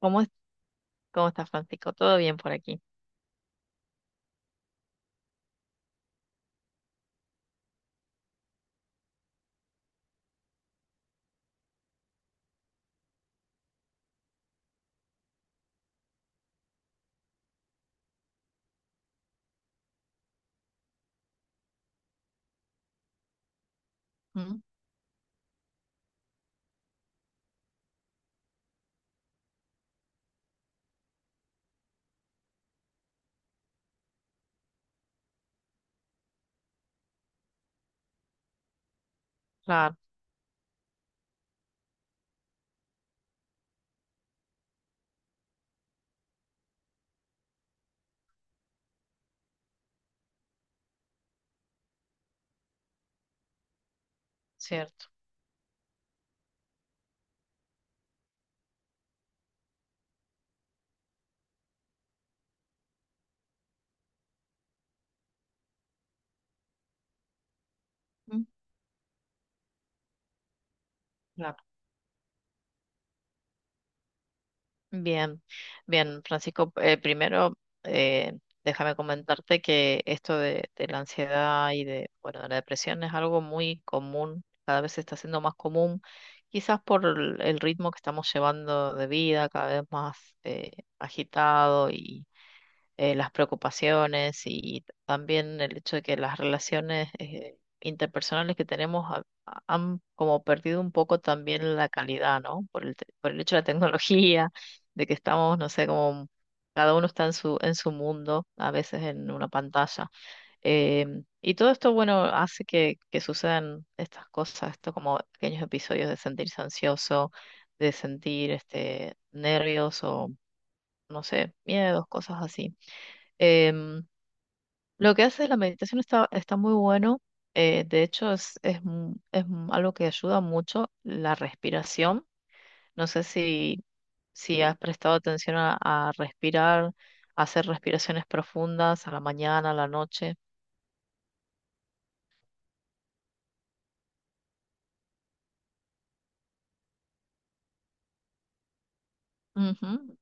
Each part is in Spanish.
¿Cómo, es- ¿Cómo estás, Francisco? ¿Todo bien por aquí? Mm. Claro. Cierto. Mm. Claro. Bien, bien, Francisco. Primero, eh, déjame comentarte que esto de la ansiedad y de, bueno, de la depresión es algo muy común, cada vez se está haciendo más común, quizás por el ritmo que estamos llevando de vida, cada vez más eh, agitado y las preocupaciones y también el hecho de que las relaciones interpersonales que tenemos han como perdido un poco también la calidad, ¿no? Por el hecho de la tecnología, de que estamos, no sé, como cada uno está en su mundo, a veces en una pantalla. Y todo esto, bueno, hace que sucedan estas cosas, esto como pequeños episodios de sentirse ansioso, de sentir este, nervios o, no sé, miedos, cosas así. Em, lo que hace la meditación está, está muy bueno. De hecho, algo que ayuda mucho la respiración. No sé si has prestado atención a respirar, a hacer respiraciones profundas a la mañana, a la noche. Ujú.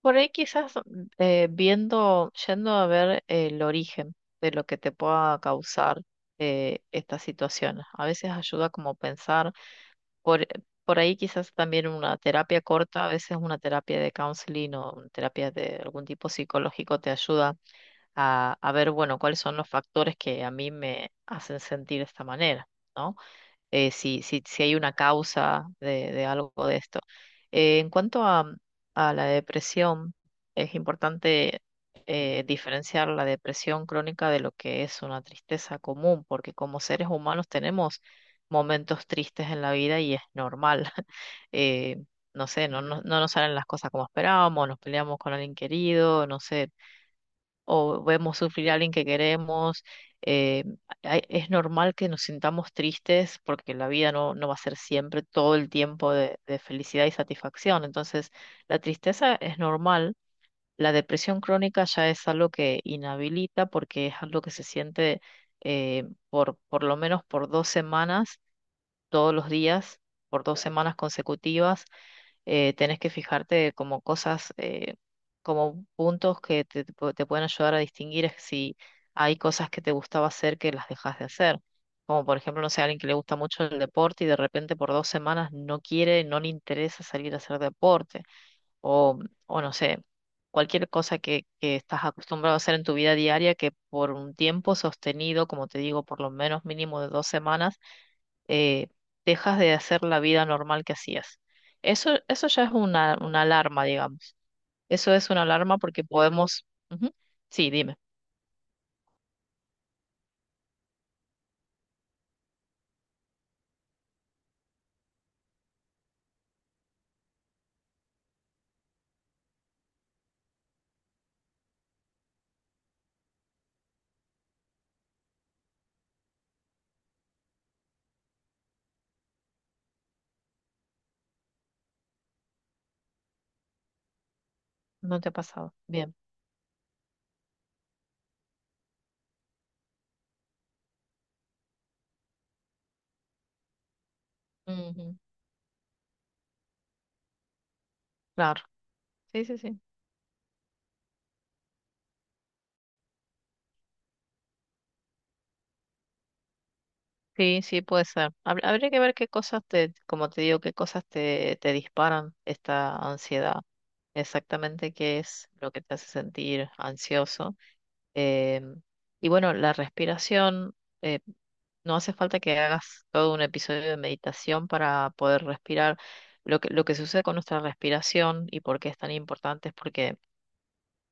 Por ahí quizás eh, yendo a ver el origen de lo que te pueda causar estas situaciones. A veces ayuda como pensar. Por, por ahí quizás también una terapia corta, a veces una terapia de counseling o una terapia de algún tipo psicológico te ayuda a ver, bueno, cuáles son los factores que a mí me hacen sentir de esta manera, ¿no? Si, si hay una causa de algo de esto. En cuanto a la depresión, es importante diferenciar la depresión crónica de lo que es una tristeza común, porque como seres humanos tenemos momentos tristes en la vida y es normal. Eh, no sé, no nos salen las cosas como esperábamos, nos peleamos con alguien querido, no sé, o vemos sufrir a alguien que queremos. eh, es normal que nos sintamos tristes porque la vida no va a ser siempre todo el tiempo de felicidad y satisfacción. Entonces, la tristeza es normal. La depresión crónica ya es algo que inhabilita porque es algo que se siente eh, por lo menos por dos semanas, todos los días, por dos semanas consecutivas. Tenés que fijarte como cosas, como puntos que te pu- te pueden ayudar a distinguir es si hay cosas que te gustaba hacer que las dejas de hacer. Como por ejemplo, no sé, alguien que le gusta mucho el deporte y de repente por dos semanas no quiere, no le interesa salir a hacer deporte. O, o no sé, cualquier cosa que estás acostumbrado a hacer en tu vida diaria que por un tiempo sostenido, como te digo, por lo menos mínimo de dos semanas, eh, dejas de hacer la vida normal que hacías. Eso ya es una alarma, digamos. Eso es una alarma porque podemos... Ujú. Sí, dime. No te ha pasado. Bien. Ujú. Claro. Sí, sí, sí. Sí, sí, puede ser. Habría que ver qué cosas te, como te digo, qué cosas te disparan esta ansiedad. Exactamente qué es lo que te hace sentir ansioso. Em, y bueno, la respiración. eh, No hace falta que hagas todo un episodio de meditación para poder respirar. Lo que sucede con nuestra respiración y por qué es tan importante es porque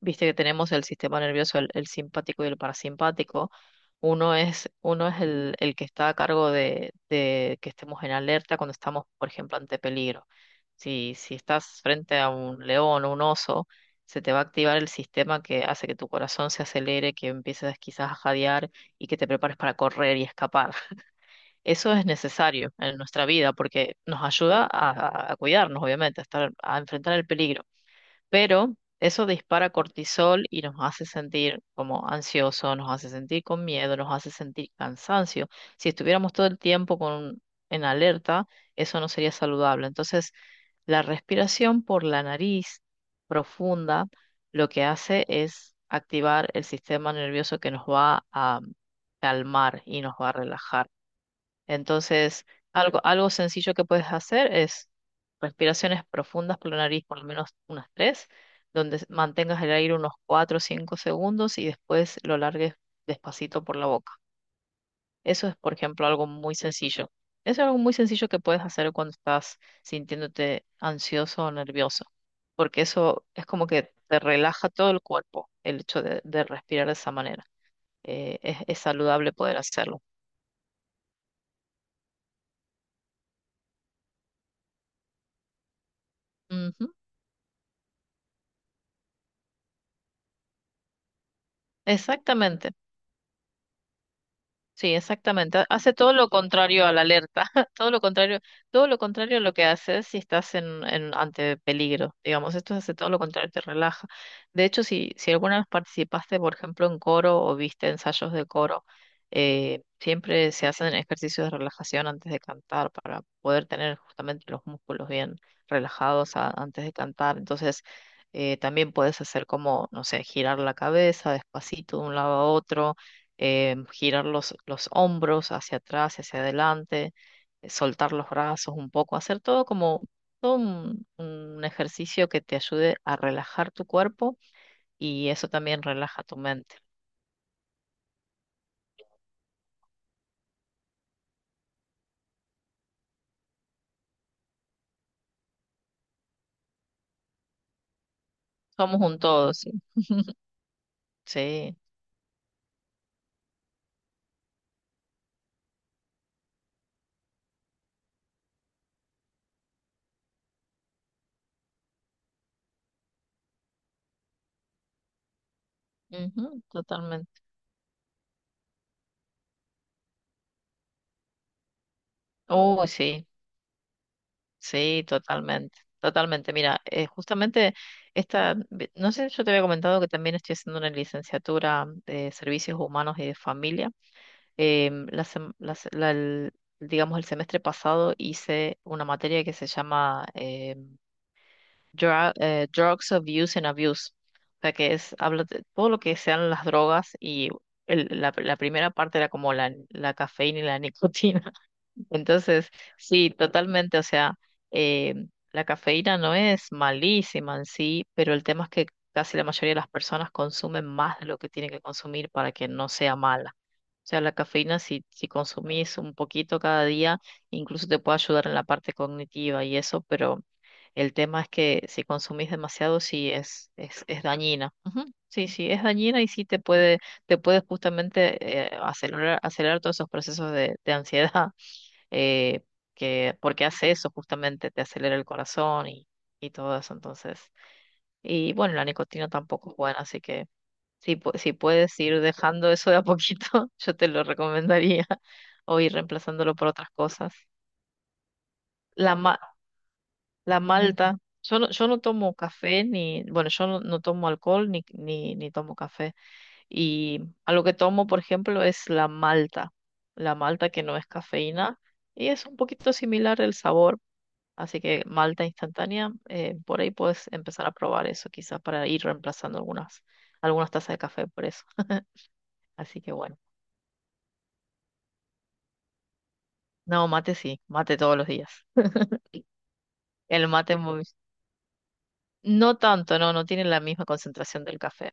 viste que tenemos el sistema nervioso, el simpático y el parasimpático. Uno es el que está a cargo de que estemos en alerta cuando estamos, por ejemplo, ante peligro. Si estás frente a un león o un oso, se te va a activar el sistema que hace que tu corazón se acelere, que empieces quizás a jadear y que te prepares para correr y escapar. Eso es necesario en nuestra vida porque nos ayuda a cuidarnos, obviamente, a estar, a enfrentar el peligro. Pero eso dispara cortisol y nos hace sentir como ansioso, nos hace sentir con miedo, nos hace sentir cansancio. Si estuviéramos todo el tiempo con, en alerta, eso no sería saludable. Entonces, la respiración por la nariz profunda lo que hace es activar el sistema nervioso que nos va a calmar y nos va a relajar. Entonces, algo sencillo que puedes hacer es respiraciones profundas por la nariz, por lo menos unas tres, donde mantengas el aire unos cuatro o cinco segundos y después lo largues despacito por la boca. Eso es, por ejemplo, algo muy sencillo. Eso es algo muy sencillo que puedes hacer cuando estás sintiéndote ansioso o nervioso, porque eso es como que te relaja todo el cuerpo, el hecho de respirar de esa manera. Es saludable poder hacerlo. Ujú. Exactamente. Sí, exactamente. Hace todo lo contrario a la alerta, todo lo contrario, todo lo contrario a lo que haces si estás en ante peligro. Digamos, esto hace todo lo contrario, te relaja. De hecho, si alguna vez participaste, por ejemplo, en coro o viste ensayos de coro, siempre se hacen ejercicios de relajación antes de cantar para poder tener justamente los músculos bien relajados antes de cantar. Entonces, también puedes hacer como, no sé, girar la cabeza despacito de un lado a otro, girar los hombros hacia atrás, hacia adelante, soltar los brazos un poco, hacer todo como todo un ejercicio que te ayude a relajar tu cuerpo y eso también relaja tu mente. Somos un todo, sí. Sí, ujú, totalmente. Uy, sí, sí, totalmente, totalmente. Mira, justamente no sé, yo te había comentado que también estoy haciendo una licenciatura de servicios humanos y de familia. Em, la sem- la se- la- el- digamos, el semestre pasado hice una materia que se llama Drugs Abuse and Abuse, o sea, que habla de todo lo que sean las drogas y la primera parte era como la cafeína y la nicotina. Entonces, sí, totalmente, o sea, eh, la cafeína no es malísima en sí, pero el tema es que casi la mayoría de las personas consumen más de lo que tienen que consumir para que no sea mala. O sea, la cafeína, si consumís un poquito cada día, incluso te puede ayudar en la parte cognitiva y eso, pero el tema es que si consumís demasiado, sí es dañina. Ujú. Sí, sí, es dañina y sí te puede justamente acelerar todos esos procesos de ansiedad eh, porque hace eso justamente, te acelera el corazón y todo eso, entonces, y bueno, la nicotina tampoco es buena, así que si puedes ir dejando eso de a poquito, yo te lo recomendaría, o ir reemplazándolo por otras cosas. La, ma- la malta, yo no tomo café, ni, bueno, yo no, no tomo alcohol, ni tomo café, y algo que tomo, por ejemplo, es la malta que no es cafeína, y es un poquito similar el sabor. Así que malta instantánea, por ahí puedes empezar a probar eso, quizás para ir reemplazando algunas tazas de café por eso. Así que bueno, no, mate sí, mate todos los días. El mate muy, no tanto, no tiene la misma concentración del café.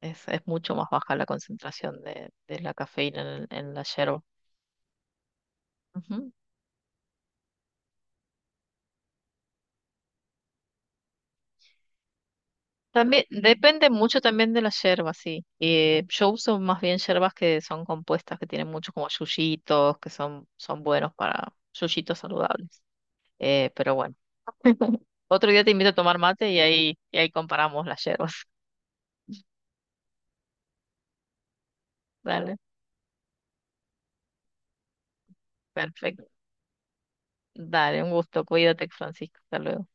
Es mucho más baja la concentración de la cafeína en, en la yerba. Ujú. También depende mucho también de la yerba, sí. Yo uso más bien yerbas que son compuestas, que tienen mucho como yuyitos, que son buenos para yuyitos saludables. Pero bueno, otro día te invito a tomar mate y ahí comparamos las yerbas. Dale, perfecto. Dale, un gusto. Cuídate, Francisco. Hasta luego.